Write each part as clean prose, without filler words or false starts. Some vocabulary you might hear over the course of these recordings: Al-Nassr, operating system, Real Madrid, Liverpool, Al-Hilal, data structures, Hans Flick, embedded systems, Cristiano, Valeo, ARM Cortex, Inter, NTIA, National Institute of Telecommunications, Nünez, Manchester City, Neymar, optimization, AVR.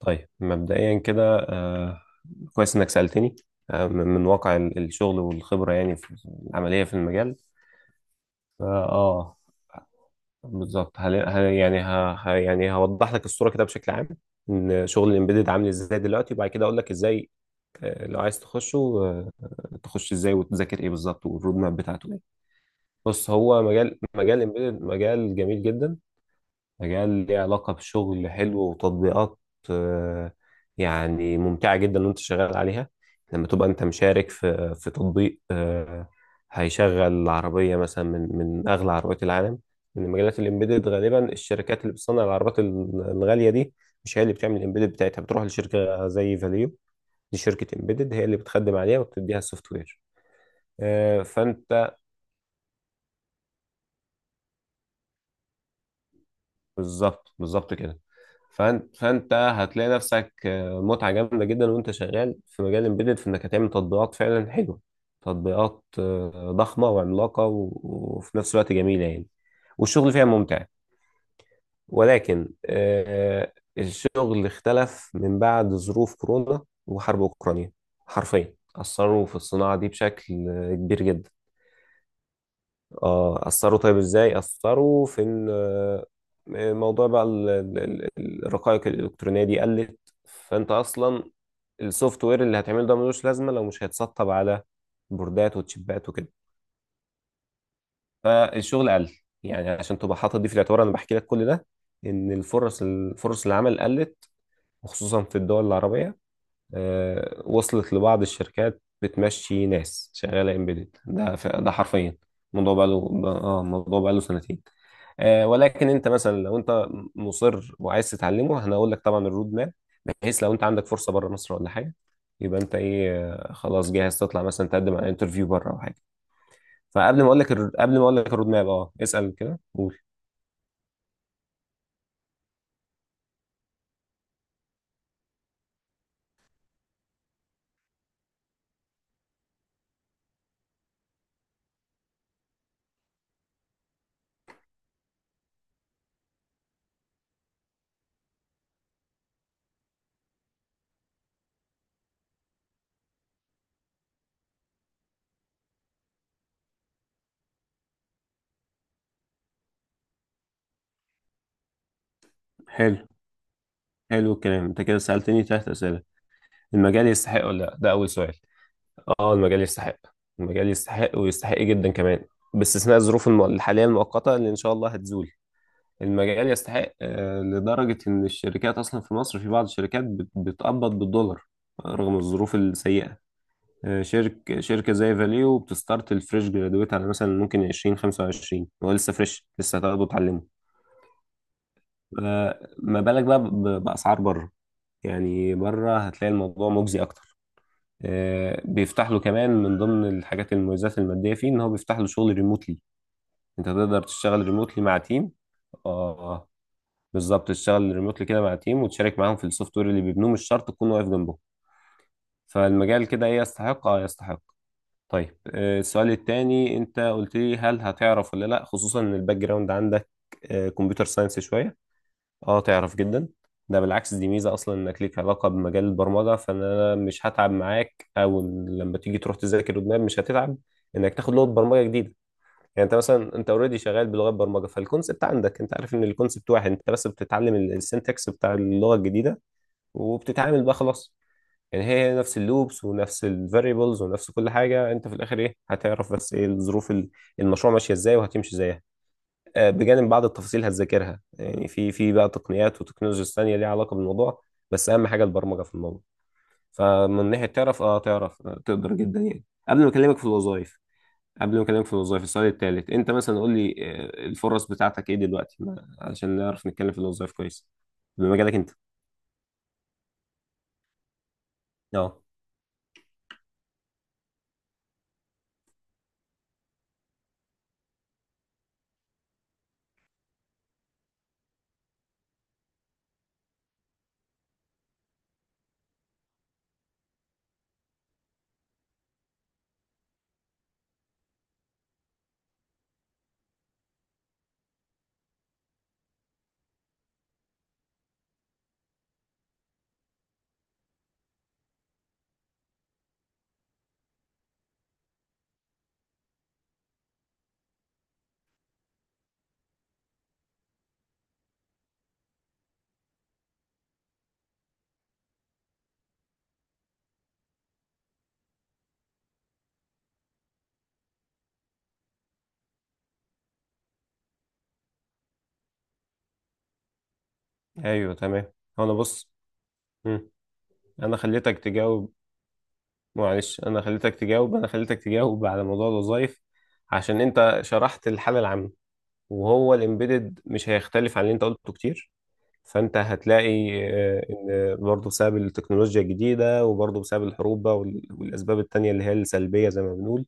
طيب مبدئيا كده. آه، كويس انك سألتني. من واقع الشغل والخبرة، يعني في العملية، في المجال. فا بالظبط. يعني يعني هوضح لك الصورة كده بشكل عام، ان شغل الامبيدد عامل ازاي دلوقتي، وبعد كده اقول لك ازاي، لو عايز تخشه، تخش ازاي وتذاكر ايه بالظبط، والرود ماب بتاعته ايه. بص، هو مجال، الامبيدد مجال جميل جدا. مجال ليه علاقة بشغل حلو، وتطبيقات آه، يعني ممتعة جدا وانت شغال عليها. لما تبقى انت مشارك في تطبيق هيشغل العربية مثلا، من أغلى عربيات العالم. من مجالات الإمبيدد، غالبا الشركات اللي بتصنع العربيات الغالية دي مش هي اللي بتعمل الإمبيدد بتاعتها، بتروح لشركة زي فاليو. دي شركة إمبيدد هي اللي بتخدم عليها وبتديها السوفت وير. فأنت، بالظبط بالظبط كده. فانت هتلاقي نفسك متعه جامده جدا وانت شغال في مجال امبيدد، في انك هتعمل تطبيقات فعلا حلوه، تطبيقات ضخمه وعملاقه وفي نفس الوقت جميله يعني. والشغل فيها ممتع. ولكن الشغل اختلف من بعد ظروف كورونا وحرب اوكرانيا. حرفيا اثروا في الصناعه دي بشكل كبير جدا. اه، اثروا. طيب، ازاي اثروا؟ في ان موضوع بقى الرقائق الالكترونيه دي قلت. فانت اصلا السوفت وير اللي هتعمله ده ملوش لازمه لو مش هيتسطب على بوردات وتشيبات وكده. فالشغل قل. يعني عشان تبقى حاطط دي في الاعتبار، انا بحكي لك كل ده، ان الفرص، العمل قلت، وخصوصا في الدول العربيه. وصلت لبعض الشركات بتمشي ناس شغاله امبيدد. ده ده حرفيا الموضوع بقى له اه الموضوع بقى له سنتين. ولكن انت مثلا، لو انت مصر وعايز تتعلمه، انا هقول لك طبعا الرود ماب، بحيث لو انت عندك فرصه بره مصر ولا حاجه، يبقى انت ايه، خلاص جاهز تطلع مثلا تقدم على انترفيو بره او حاجه. فقبل ما اقول لك الر- قبل ما اقول لك الرود ماب. اه، اسال كده، قول. حلو، حلو. الكلام، انت كده سالتني 3 اسئله. المجال يستحق ولا لا، ده اول سؤال. اه، المجال يستحق. المجال يستحق، ويستحق جدا كمان، باستثناء الظروف الحاليه المؤقته اللي ان شاء الله هتزول. المجال يستحق لدرجة إن الشركات أصلا في مصر، في بعض الشركات بتقبض بالدولار رغم الظروف السيئة. شركة زي فاليو بتستارت الفريش جرادويت على مثلا ممكن 20 25. هو لسه فريش، لسه هتاخده وتعلمه. ما بالك بقى بأسعار بره. يعني بره هتلاقي الموضوع مجزي أكتر. بيفتح له كمان من ضمن الحاجات، المميزات المادية فيه إن هو بيفتح له شغل ريموتلي. أنت تقدر تشتغل ريموتلي مع تيم. آه بالظبط تشتغل ريموتلي كده مع تيم وتشارك معاهم في السوفت وير اللي بيبنوه، مش شرط تكون واقف جنبهم. فالمجال كده ايه، يستحق. اه، يستحق. طيب، السؤال التاني انت قلت لي، هل هتعرف ولا لا، خصوصا ان الباك جراوند عندك كمبيوتر ساينس شويه. اه، تعرف جدا. ده بالعكس، دي ميزه اصلا انك ليك علاقه بمجال البرمجه، فانا مش هتعب معاك، او لما تيجي تروح تذاكر قدام مش هتتعب انك تاخد لغه برمجه جديده. يعني انت مثلا انت اوريدي شغال بلغات برمجه، فالكونسبت عندك، انت عارف ان الكونسبت واحد، انت بس بتتعلم السنتكس بتاع اللغه الجديده وبتتعامل بقى خلاص. يعني هي نفس اللوبس ونفس الفاريبلز ونفس كل حاجه. انت في الاخر ايه هتعرف بس ايه الظروف المشروع ماشيه ازاي وهتمشي ازاي، بجانب بعض التفاصيل هتذاكرها. يعني في بقى تقنيات وتكنولوجيا ثانيه ليها علاقه بالموضوع، بس اهم حاجه البرمجه في الموضوع. فمن ناحيه تعرف، تقدر جدا يعني. قبل ما اكلمك في الوظائف، قبل ما اكلمك في الوظائف، السؤال التالت انت مثلا قول لي الفرص بتاعتك ايه دلوقتي علشان نعرف نتكلم في الوظائف كويس بمجالك انت. اه، ايوه، تمام. هو انا بص. مم. انا خليتك تجاوب. معلش، انا خليتك تجاوب على موضوع الوظائف عشان انت شرحت الحالة العامة، وهو الامبيدد مش هيختلف عن اللي انت قلته كتير. فانت هتلاقي ان برضه بسبب التكنولوجيا الجديده، وبرضه بسبب الحروب بقى والاسباب التانيه اللي هي السلبيه زي ما بنقول،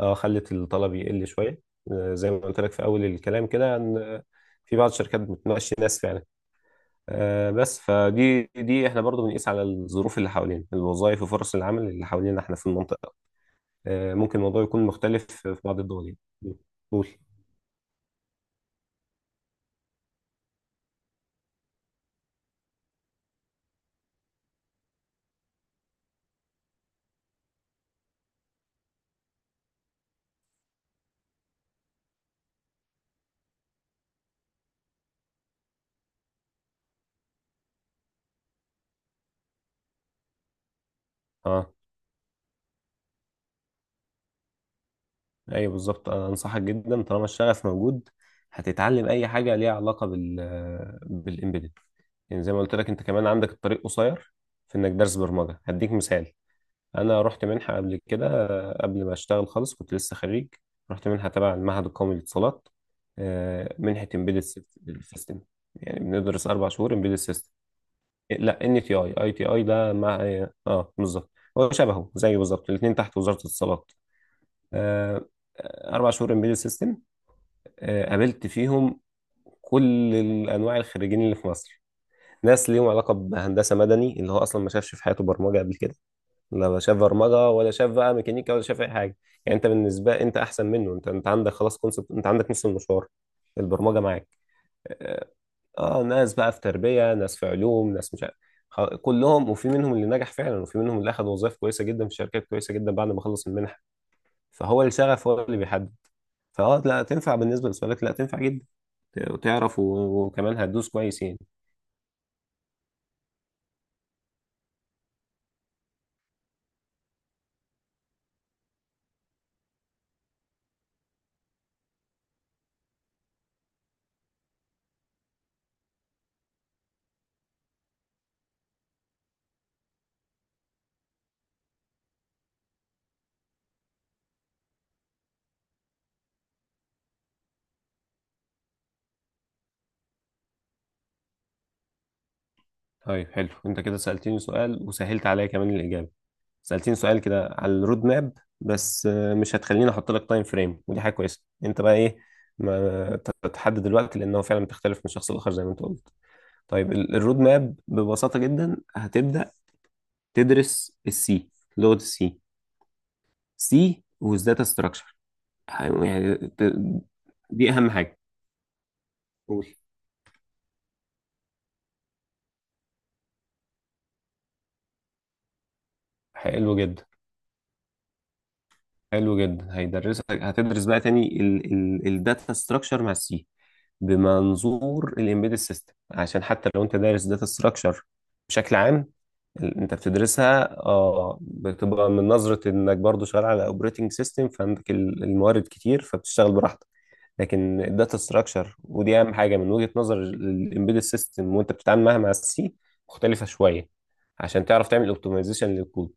اه خلت الطلب يقل شويه. زي ما قلت لك في اول الكلام كده، ان في بعض الشركات بتناقش ناس فعلا. بس دي احنا برضه بنقيس على الظروف اللي حوالينا، الوظائف وفرص العمل اللي حوالينا احنا في المنطقه. ممكن الموضوع يكون مختلف في بعض الدول يعني. قول. اه، ايوه بالظبط، انا انصحك جدا طالما الشغف موجود. هتتعلم اي حاجه ليها علاقه بالامبيدد. يعني زي ما قلت لك، انت كمان عندك الطريق قصير، في انك درس برمجه. هديك مثال: انا رحت منحه قبل كده، قبل ما اشتغل خالص، كنت لسه خريج. رحت منحه تبع المعهد القومي للاتصالات، منحه امبيدد سيستم. يعني بندرس 4 شهور امبيدد سيستم. إيه، لا، ان تي اي. اي تي اي ده مع بالظبط. هو شبهه زيه بالظبط، الاثنين تحت وزاره الاتصالات. آه، 4 شهور امبيدد سيستم. قابلت فيهم كل الانواع، الخريجين اللي في مصر. ناس ليهم علاقه بهندسه مدني اللي هو اصلا ما شافش في حياته برمجه قبل كده، لا شاف برمجه ولا شاف بقى ميكانيكا ولا شاف اي حاجه. يعني انت بالنسبه، انت احسن منه، انت عندك خلاص كونسبت، انت عندك نص المشوار. البرمجه معاك. اه. ناس بقى في تربيه، ناس في علوم، ناس مش عارف. كلهم، وفي منهم اللي نجح فعلا، وفي منهم اللي اخذ وظائف كويسه جدا في شركات كويسه جدا بعد ما خلص المنحه. فهو الشغف هو اللي بيحدد. لا، تنفع بالنسبه لسؤالك، لا، تنفع جدا. وتعرف وكمان هتدوس كويس يعني. طيب، حلو، انت كده سالتني سؤال وسهلت عليا كمان الاجابه. سالتني سؤال كده على الرود ماب، بس مش هتخليني احط لك تايم فريم، ودي حاجه كويسه. انت بقى ايه ما تحدد الوقت، لانه فعلا بتختلف من شخص لاخر زي ما انت قلت. طيب الرود ماب، ببساطه جدا، هتبدا تدرس السي، لغه السي، سي والداتا ستراكشر. يعني دي اهم حاجه. قول. حلو جدا، حلو جدا. هيدرسك، هتدرس بقى تاني الداتا ستراكشر مع السي بمنظور الامبيدد سيستم، عشان حتى لو انت دارس داتا ستراكشر بشكل عام، انت بتدرسها اه بتبقى من نظرة انك برضو شغال على اوبريتنج سيستم، فعندك الموارد كتير فبتشتغل براحتك. لكن الداتا ستراكشر، ودي اهم حاجة من وجهة نظر الامبيدد سيستم وانت بتتعامل معاها مع السي، مختلفة شوية عشان تعرف تعمل اوبتمايزيشن للكود.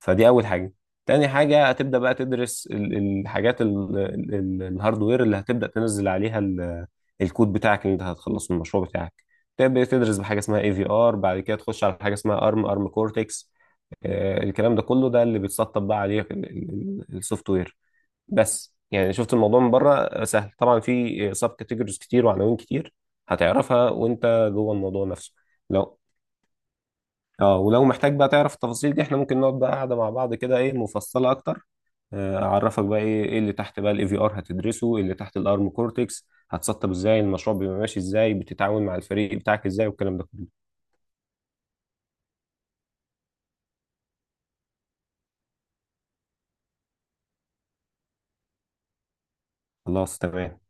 فدي اول حاجه. تاني حاجه، هتبدا بقى تدرس الحاجات الهاردوير اللي هتبدا تنزل عليها الكود بتاعك اللي انت هتخلصه من المشروع بتاعك. تبدا تدرس بحاجه اسمها اي في ار، بعد كده تخش على حاجه اسمها ارم، ارم كورتكس. الكلام ده كله ده اللي بيتسطب بقى عليه السوفت وير. بس يعني شفت الموضوع من بره سهل، طبعا في سب كاتيجوريز كتير وعناوين كتير، هتعرفها وانت جوه الموضوع نفسه. لو اه ولو محتاج بقى تعرف التفاصيل دي، احنا ممكن نقعد بقى قاعدة مع بعض كده ايه، مفصلة اكتر، اعرفك بقى ايه اللي تحت بقى الاي في ار، هتدرسه ايه اللي تحت الارم كورتكس، هتسطب ازاي، المشروع بيبقى ماشي ازاي، بتتعاون مع الفريق بتاعك ازاي، والكلام ده كله. خلاص، تمام.